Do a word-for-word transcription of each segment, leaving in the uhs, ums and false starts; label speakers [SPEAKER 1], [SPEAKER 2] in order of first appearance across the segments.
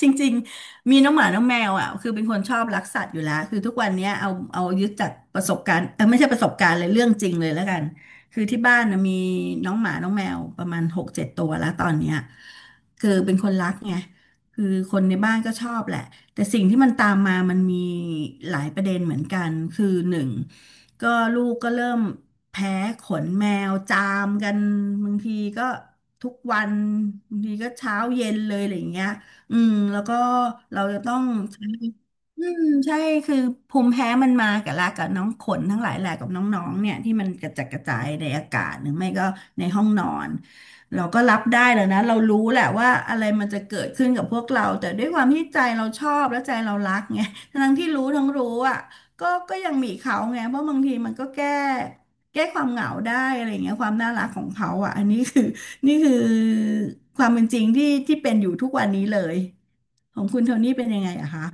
[SPEAKER 1] จริงๆมีน้องหมา น้องแมวอ่ะคือเป็นคนชอบรักสัตว์อยู่แล้วคือทุกวันเนี้ยเอาเอายึดจากประสบการณ์เออไม่ใช่ประสบการณ์เลยเรื่องจริงเลยแล้วกันคือที่บ้านนะมีน้องหมา น้องแมวประมาณหกเจ็ดตัวแล้วตอนเนี้ยคือเป็นคนรักไงคือคนในบ้านก็ชอบแหละแต่สิ่งที่มันตามมามันมีหลายประเด็นเหมือนกันคือหนึ่งก็ลูกก็เริ่มแพ้ขนแมวจามกันบางทีก็ทุกวันบางทีก็เช้าเย็นเลยอะไรอย่างเงี้ย อืมแล้วก็เราจะต้องใช้อืมใช่คือภูมิแพ้มันมากับลากับน้องขนทั้งหลายแหละกับน้องๆเนี่ยที่มันกระจัดกระจายในอากาศหรือไม่ก็ในห้องนอนเราก็รับได้แล้วนะเรารู้แหละว่าอะไรมันจะเกิดขึ้นกับพวกเราแต่ด้วยความที่ใจเราชอบและใจเรารักไง ทั้งที่รู้ทั้งรู้อ่ะก็ก็ยังมีเขาไงเพราะบางทีมันก็แก้แก้ความเหงาได้อะไรอย่างเงี้ยความน่ารักของเขาอ่ะอันนี้คือ นี่คือความเป็นจริงที่ที่เป็นอยู่ทุกวันนี้เลย ของคุณโทนี่เป็นยังไงอะคะ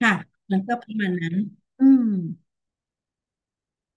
[SPEAKER 1] ค่ะมันก็ประมาณนั้นอืม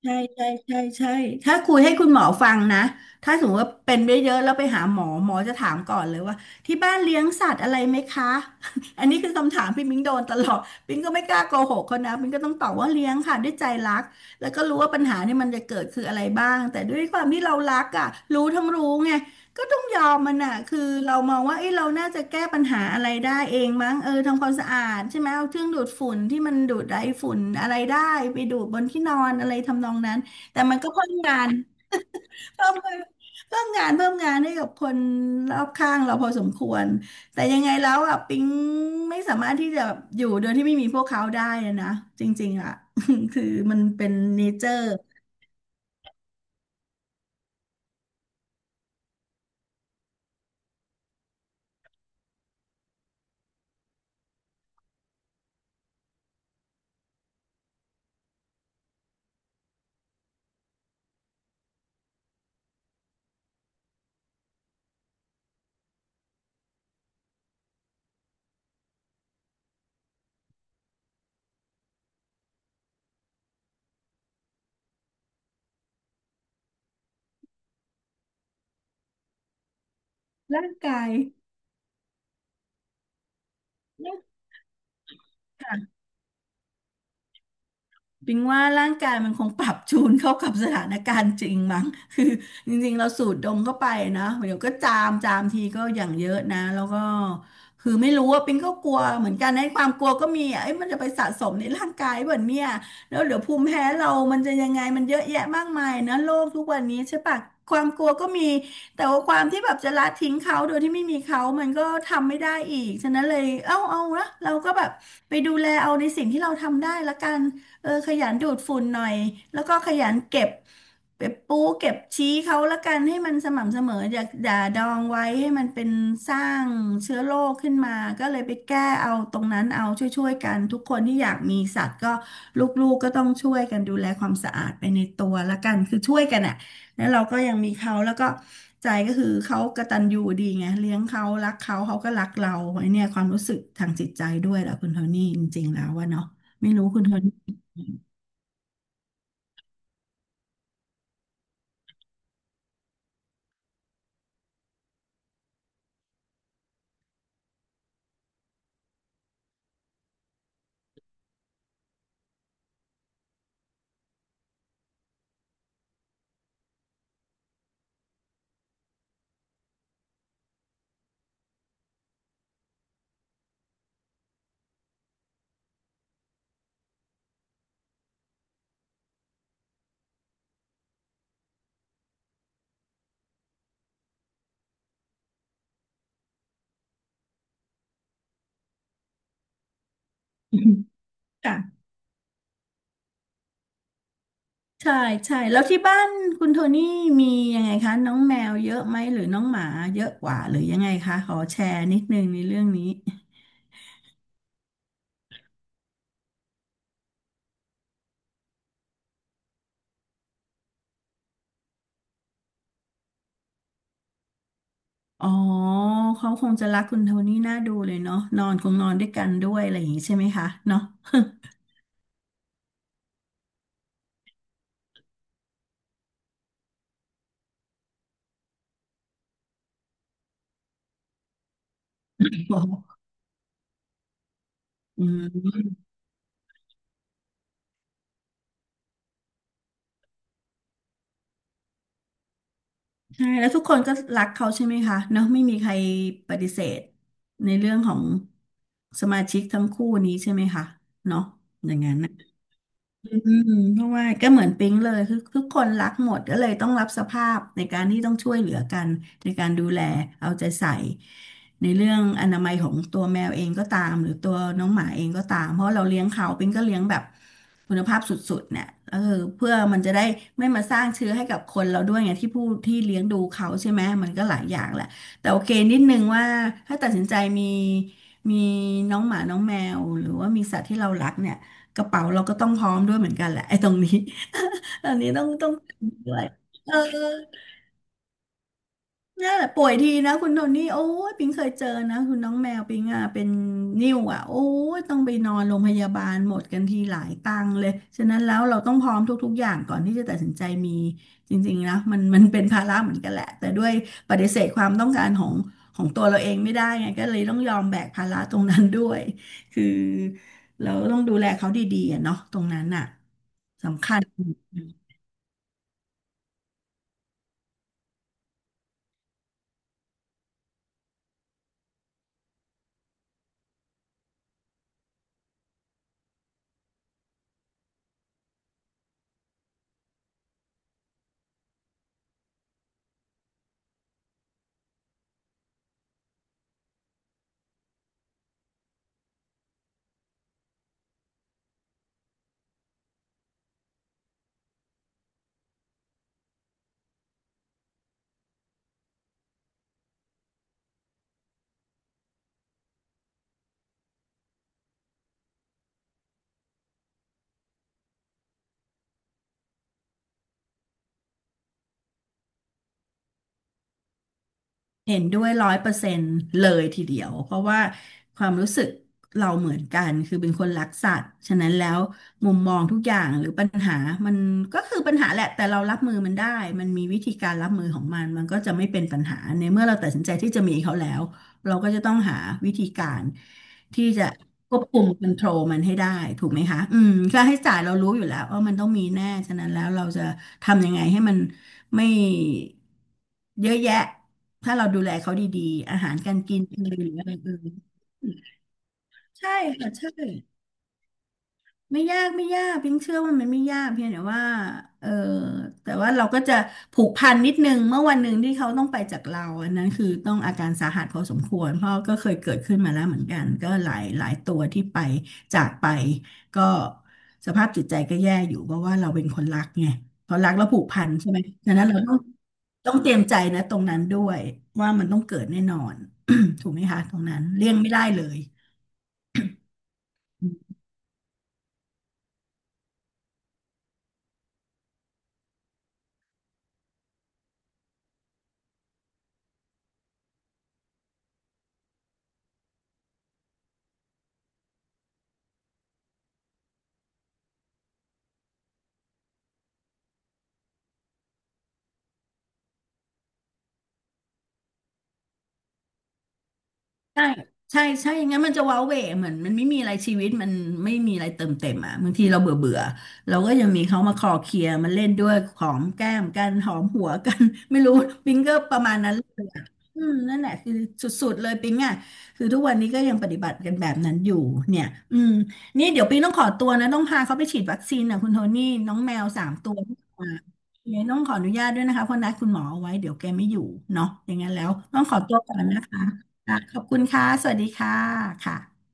[SPEAKER 1] ใช่ใช่ใช่ใช่ถ้าคุยให้คุณหมอฟังนะ ถ้าสมมติว่าเป็นเยอะๆแล้วไปหาหมอหมอจะถามก่อนเลยว่าที่บ้านเลี้ยงสัตว์อะไรไหมคะ อันนี้คือคำถามพี่มิ้งโดนตลอดมิ้งก็ไม่กล้าโกหกเขานะมิ้งก็ต้องตอบว่าเลี้ยงค่ะด้วยใจรักแล้วก็รู้ว่าปัญหาเนี่ยมันจะเกิดคืออะไรบ้างแต่ด้วยความที่เรารักอ่ะรู้ทั้งรู้ไง ก็ต้องยอมมันอ่ะคือเรามองว่าเอ้ยเราน่าจะแก้ปัญหาอะไรได้เองมั้งเออทำความสะอาดใช่ไหมเอาเครื่องดูดฝุ่นที่มันดูดไอ้ฝุ่นอะไรได้ไปดูดบนที่นอนอะไรทำนองนั้นแต่มันก็เพิ่มงานเพิ่มงานเพิ่มงานเพิ่มงานให้กับคนรอบข้างเราพอสมควรแต่ยังไงแล้วอ่ะปิ๊งไม่สามารถที่จะอยู่โดยที่ไม่มีพวกเขาได้อะนะจริงๆอ่ะ คือมันเป็นเนเจอร์ร่างกาย ปิงว่าร่างกายมันคงปรับจูนเข้ากับสถานการณ์จริงมั้ง คือจริงๆเราสูดดมเข้าไปนะเดี๋ยวก็จามจามทีก็อย่างเยอะนะแล้วก็คือไม่รู้ว่าปิงก็กลัวเหมือนกันในะความกลัวก็มีอ่ะเอ้ยมันจะไปสะสมในร่างกายแบบเนี่ยแล้วเดี๋ยวภูมิแพ้เรามันจะยังไงมันเยอะแยะมากมายนะโลกทุกวันนี้ใช่ปะความกลัวก็มีแต่ว่าความที่แบบจะละทิ้งเขาโดยที่ไม่มีเขามันก็ทำไม่ได้อีกฉะนั้นเลยเอ้าเอาละเราก็แบบไปดูแลเอาในสิ่งที่เราทำได้ละกัน เออขยันดูดฝุ่นหน่อยแล้วก็ขยันเก็บเก็บปูเก็บชี้เขาละกันให้มันสม่ำเสมออย่าอย่าดองไว้ให้มันเป็นสร้างเชื้อโรคขึ้นมาก็เลยไปแก้เอาตรงนั้นเอาช่วยๆกันทุกคนที่อยากมีสัตว์ก็ลูกๆก็ต้องช่วยกันดูแลความสะอาดไปในตัวละกันคือช่วยกันอ่ะแล้วเราก็ยังมีเขาแล้วก็ใจก็คือเขากตัญญูดีไงเลี้ยงเขารักเขาเขาก็รักเราไอเนี่ยความรู้สึกทางจิตใจด้วยแหละคุณโทนี่จริงๆแล้วว่าเนาะไม่รู้คุณโทนี่ ค่ะใช่ใช่แล้วที่บ้านคุณโทนี่มียังไงคะน้องแมวเยอะไหมหรือน้องหมาเยอะกว่าหรือยังไงคะขอแชร์นิดนึงในเรื่องนี้อ๋อเขาคงจะรักคุณโทนี่น่าดูเลยเนาะนอนคงนอนด้วยกันด้วยอะไรอย่างนี้ใช่ไหมคะเนาะ บอกอืมใช่แล้วทุกคนก็รักเขาใช่ไหมคะเนาะไม่มีใครปฏิเสธในเรื่องของสมาชิกทั้งคู่นี้ใช่ไหมคะเนาะอย่างนั้นนะ อืมเพราะว่าก็เหมือนปิ๊งเลยคือทุกคนรักหมดก็เลยต้องรับสภาพในการที่ต้องช่วยเหลือกันในการดูแลเอาใจใส่ในเรื่องอนามัยของตัวแมวเองก็ตามหรือตัวน้องหมาเองก็ตามเพราะเราเลี้ยงเขาปิ๊งก็เลี้ยงแบบคุณภาพสุดๆเนี่ยเออเพื่อมันจะได้ไม่มาสร้างเชื้อให้กับคนเราด้วยไงที่ผู้ที่เลี้ยงดูเขาใช่ไหมมันก็หลายอย่างแหละแต่โอเคนิดนึงว่าถ้าตัดสินใจมีมีน้องหมาน้องแมวหรือว่ามีสัตว์ที่เรารักเนี่ย กระเป๋าเราก็ต้องพร้อมด้วยเหมือนกันแหละไอ้ตรงนี้ ตอนนี้ต้องต้องด้วยเออ นี่นแหละป่วยทีนะคุณโทนี่โอ้ยปิงเคยเจอนะคุณน้องแมวปิงอ่ะเป็นนิ่วอ่ะโอ้ยต้องไปนอนโรงพยาบาลหมดกันทีหลายตังค์เลยฉะนั้นแล้วเราต้องพร้อมทุกๆอย่างก่อนที่จะตัดสินใจมีจริงๆนะมันมันเป็นภาระเหมือนกันแหละแต่ด้วยปฏิเสธความต้องการของของตัวเราเองไม่ได้ไงก็เลยต้องยอมแบกภาระตรงนั้นด้วยคือเราต้องดูแลเขาดีๆอะเนาะตรงนั้นอ่ะสำคัญ เห็นด้วยร้อยเปอร์เซ็นต์เลยทีเดียวเพราะว่าความรู้สึกเราเหมือนกันคือเป็นคนรักสัตว์ฉะนั้นแล้วมุมมองทุกอย่างหรือปัญหามันก็คือปัญหาแหละแต่เรารับมือมันได้มันมีวิธีการรับมือของมันมันก็จะไม่เป็นปัญหาในเมื่อเราตัดสินใจที่จะมีเขาแล้วเราก็จะต้องหาวิธีการ ที่จะควบคุมคอนโทรลมันให้ได้ถูกไหมคะอืมค่าใช้จ่ายเรารู้อยู่แล้วว่ามันต้องมีแน่ฉะนั้นแล้วเราจะทำยังไงให้มันไม่เยอะแยะถ้าเราดูแลเขาดีๆอาหารการกินหรืออะไรอื่นใช่ค่ะใช่ ไม่ยากไม่ยากพิงเชื่อว่ามันไม่ยากเพียงแต่ว่าเออแต่ว่าเราก็จะผูกพันนิดนึงเมื่อวันหนึ่งที่เขาต้องไปจากเราอันนั้นคือต้องอาการสาหัสพอสมควรเพราะก็เคยเกิดขึ้นมาแล้วเหมือนกันก็หลายหลายตัวที่ไปจากไปก็สภาพจิตใจก็แย่อยู่เพราะว่าเราเป็นคนรักไงพอรักแล้วผูกพันใช่ไหมดังนั้นเราต้องต้องเตรียมใจนะตรงนั้นด้วยว่ามันต้องเกิดแน่นอน ถูกไหมคะตรงนั้นเลี่ยงไม่ได้เลย ใช่ ใช่ใช่อย่างงั้นมันจะว้าเหวเหมือนมันไม่มีอะไรชีวิต มันไม่มีอะไรเติมเต็มอ่ะบางทีเราเบื่อเบื่อเราก็ยังมีเขามาคลอเคลียร์มาเล่นด้วยหอมแก้มกัน หอมหัวกัน ไม่รู้ปิงก็ประมาณนั้น อืมนั่นแหละคือสุดๆเลยปิ๊งอ่ะคือทุกวันนี้ก็ยังปฏิบัติกันแบบนั้นอยู่เนี่ยอืมนี่เดี๋ยวปิ๊งต้องขอตัวนะต้องพาเขาไปฉีดวัคซีนอ่ะคุณโทนี่น้องแมวสามตัวที่มาเนี่ยวต้องขออนุญาตด้วยนะคะเพราะนัดคุณหมอเอาไว้เดี๋ยวแกไม่อยู่เนาะอย่างนั้นแล้วต้องขอตัวก่อนนะคะค่ะขอบคุณค่ะสวัสดีค่ะค่ะ